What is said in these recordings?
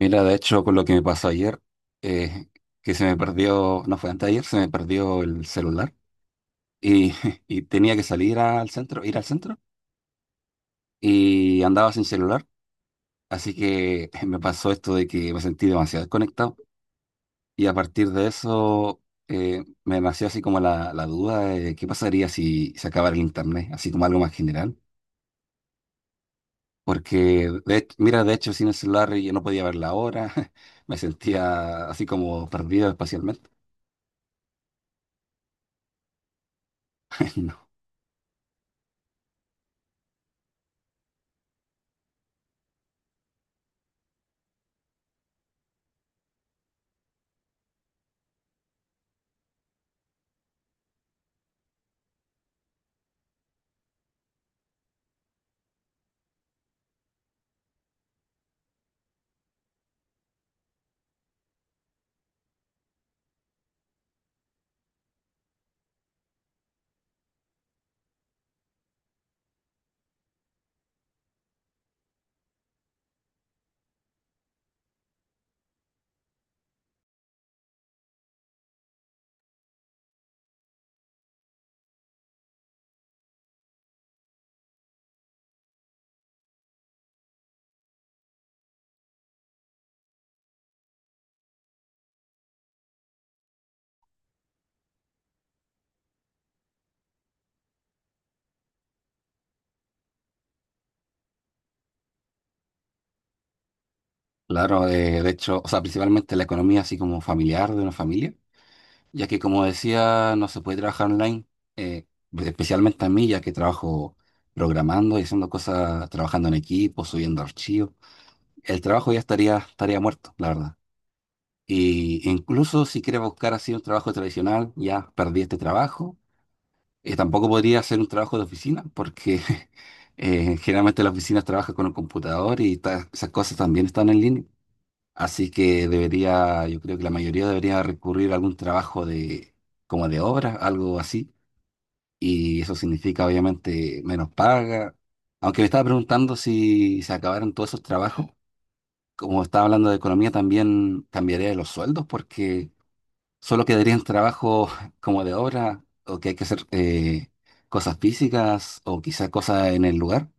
Mira, de hecho, con lo que me pasó ayer, eh, que se me perdió, no fue antes de ayer, se me perdió el celular y, y tenía que salir al centro, ir al centro y andaba sin celular. Así que me pasó esto de que me sentí demasiado desconectado y a partir de eso me nació así como la duda de qué pasaría si se acabara el internet, así como algo más general. Porque, mira, de hecho, sin el celular yo no podía ver la hora, me sentía así como perdido espacialmente. Claro, de hecho, o sea, principalmente la economía así como familiar de una familia, ya que como decía, no se puede trabajar online, eh, especialmente a mí, ya que trabajo programando y haciendo cosas, trabajando en equipo, subiendo archivos. El trabajo ya estaría muerto, la verdad. Y incluso si quieres buscar así un trabajo tradicional, ya perdí este trabajo. Tampoco podría hacer un trabajo de oficina, porque generalmente las oficinas trabajan con un computador y esas cosas también están en línea. Así que debería, yo creo que la mayoría debería recurrir a algún trabajo de, como de obra, algo así. Y eso significa obviamente menos paga. Aunque me estaba preguntando si se acabaron todos esos trabajos, como estaba hablando de economía, también cambiaría los sueldos porque solo quedarían trabajos como de obra o que hay que hacer cosas físicas o quizás cosas en el lugar.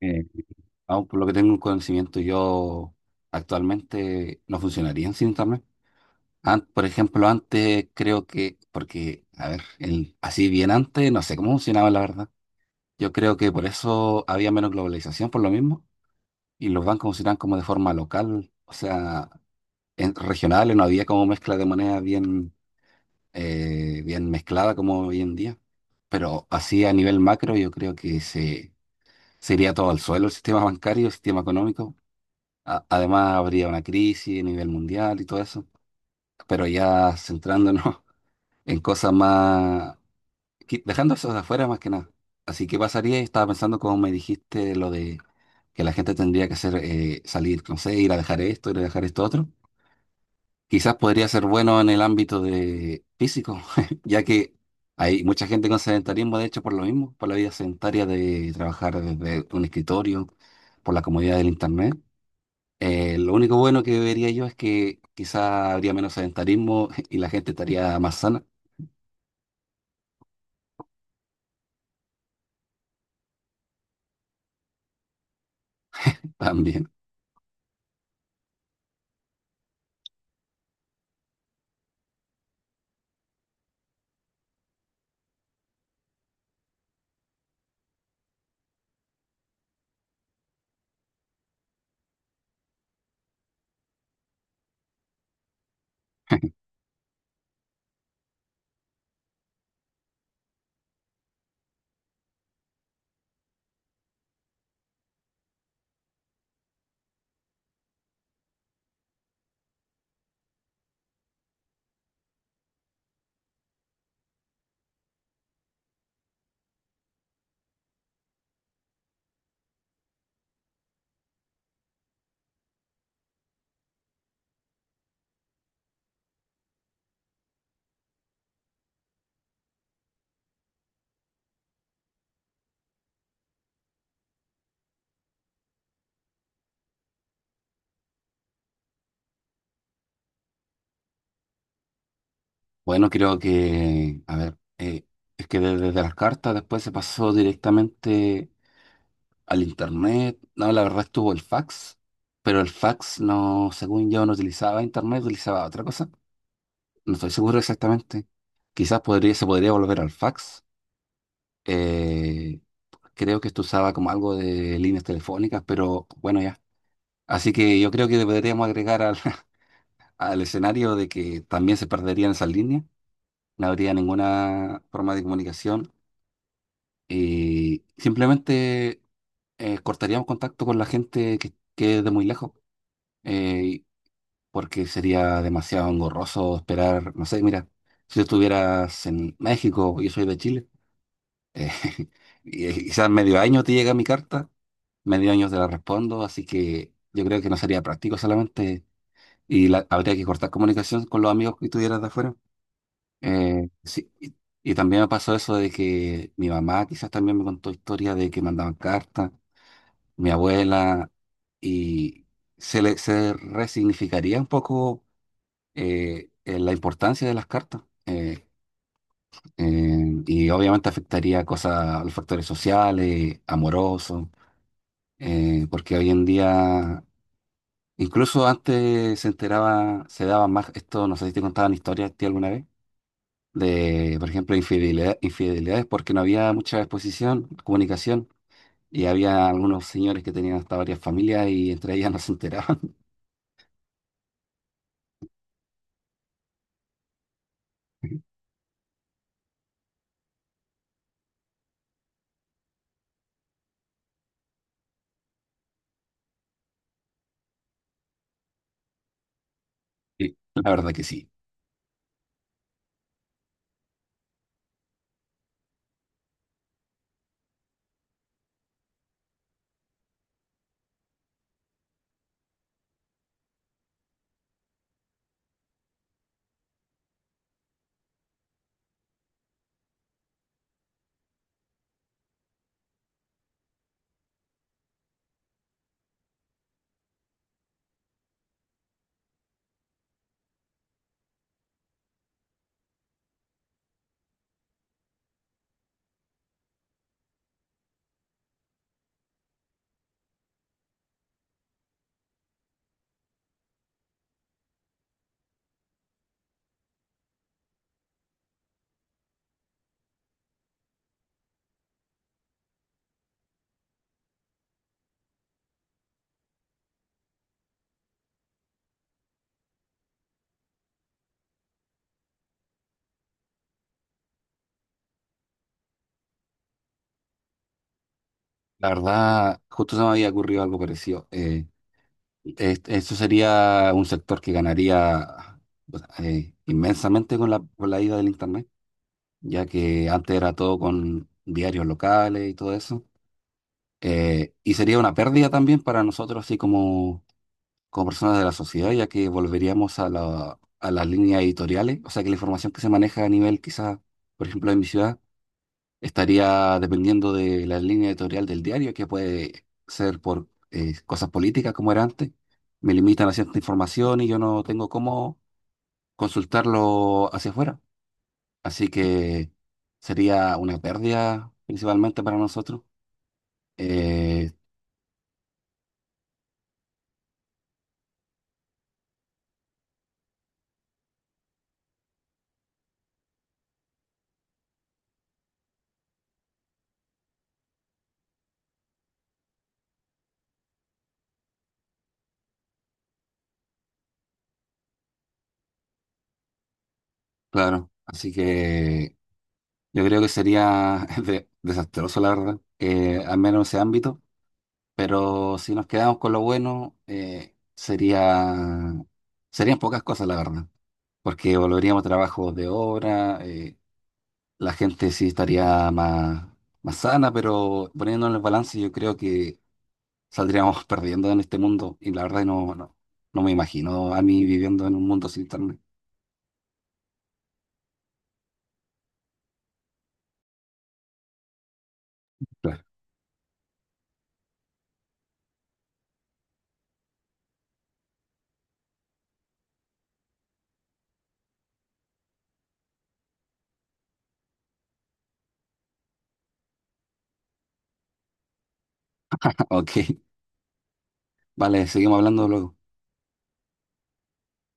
Eh, aún por lo que tengo un conocimiento, yo actualmente no funcionaría sin internet. Por ejemplo, antes creo que, porque, a ver, así bien antes, no sé cómo funcionaba la verdad. Yo creo que por eso había menos globalización, por lo mismo, y los bancos funcionaban como de forma local, o sea, en, regionales, no había como mezcla de moneda bien, bien mezclada como hoy en día. Pero así a nivel macro, yo creo que se iría todo al suelo el sistema bancario, el sistema económico. Además, habría una crisis a nivel mundial y todo eso. Pero ya centrándonos en cosas más, dejando eso de afuera más que nada. Así que pasaría, y estaba pensando como me dijiste lo de que la gente tendría que hacer salir, no sé, ir a dejar esto, ir a dejar esto otro. Quizás podría ser bueno en el ámbito de físico, ya que hay mucha gente con sedentarismo, de hecho, por lo mismo, por la vida sedentaria de trabajar desde un escritorio, por la comodidad del internet. Lo único bueno que vería yo es que quizás habría menos sedentarismo y la gente estaría más sana también. Bueno, creo que, a ver, es que desde las cartas después se pasó directamente al internet. No, la verdad estuvo el fax, pero el fax no, según yo, no utilizaba internet, utilizaba otra cosa. No estoy seguro exactamente. Quizás podría, se podría volver al fax. Eh, creo que esto usaba como algo de líneas telefónicas, pero bueno, ya. Así que yo creo que deberíamos agregar al, al escenario de que también se perderían esas líneas. No habría ninguna forma de comunicación. Y simplemente cortaríamos contacto con la gente que quede de muy lejos, eh, porque sería demasiado engorroso esperar, no sé, mira, si tú estuvieras en México, yo soy de Chile, eh, y quizás medio año te llega mi carta, medio año te la respondo, así que yo creo que no sería práctico solamente, y habría que cortar comunicación con los amigos que tuvieras de afuera. Sí, y también me pasó eso de que mi mamá quizás también me contó historias de que mandaban cartas mi abuela, y se resignificaría un poco la importancia de las cartas. Y obviamente afectaría cosas a los factores sociales, amorosos, porque hoy en día, incluso antes se enteraba, se daba más, esto no sé si te contaban historias a ti alguna vez, de, por ejemplo, infidelidades, porque no había mucha exposición, comunicación. Y había algunos señores que tenían hasta varias familias y entre ellas no se enteraban. Sí, la verdad que sí. La verdad, justo se me había ocurrido algo parecido. Eso sería un sector que ganaría, o sea, inmensamente con la ida del Internet, ya que antes era todo con diarios locales y todo eso. Y sería una pérdida también para nosotros, así como, como personas de la sociedad, ya que volveríamos a a las líneas editoriales. O sea, que la información que se maneja a nivel, quizás, por ejemplo, en mi ciudad estaría dependiendo de la línea editorial del diario, que puede ser por cosas políticas como era antes. Me limitan a cierta información y yo no tengo cómo consultarlo hacia afuera. Así que sería una pérdida principalmente para nosotros. Eh, claro, así que yo creo que sería desastroso, la verdad, al menos en ese ámbito. Pero si nos quedamos con lo bueno, serían pocas cosas, la verdad. Porque volveríamos a trabajos de obra, la gente sí estaría más, más sana, pero poniendo en el balance yo creo que saldríamos perdiendo en este mundo y la verdad no, no, no me imagino a mí viviendo en un mundo sin internet. Claro. Ok, vale, seguimos hablando luego.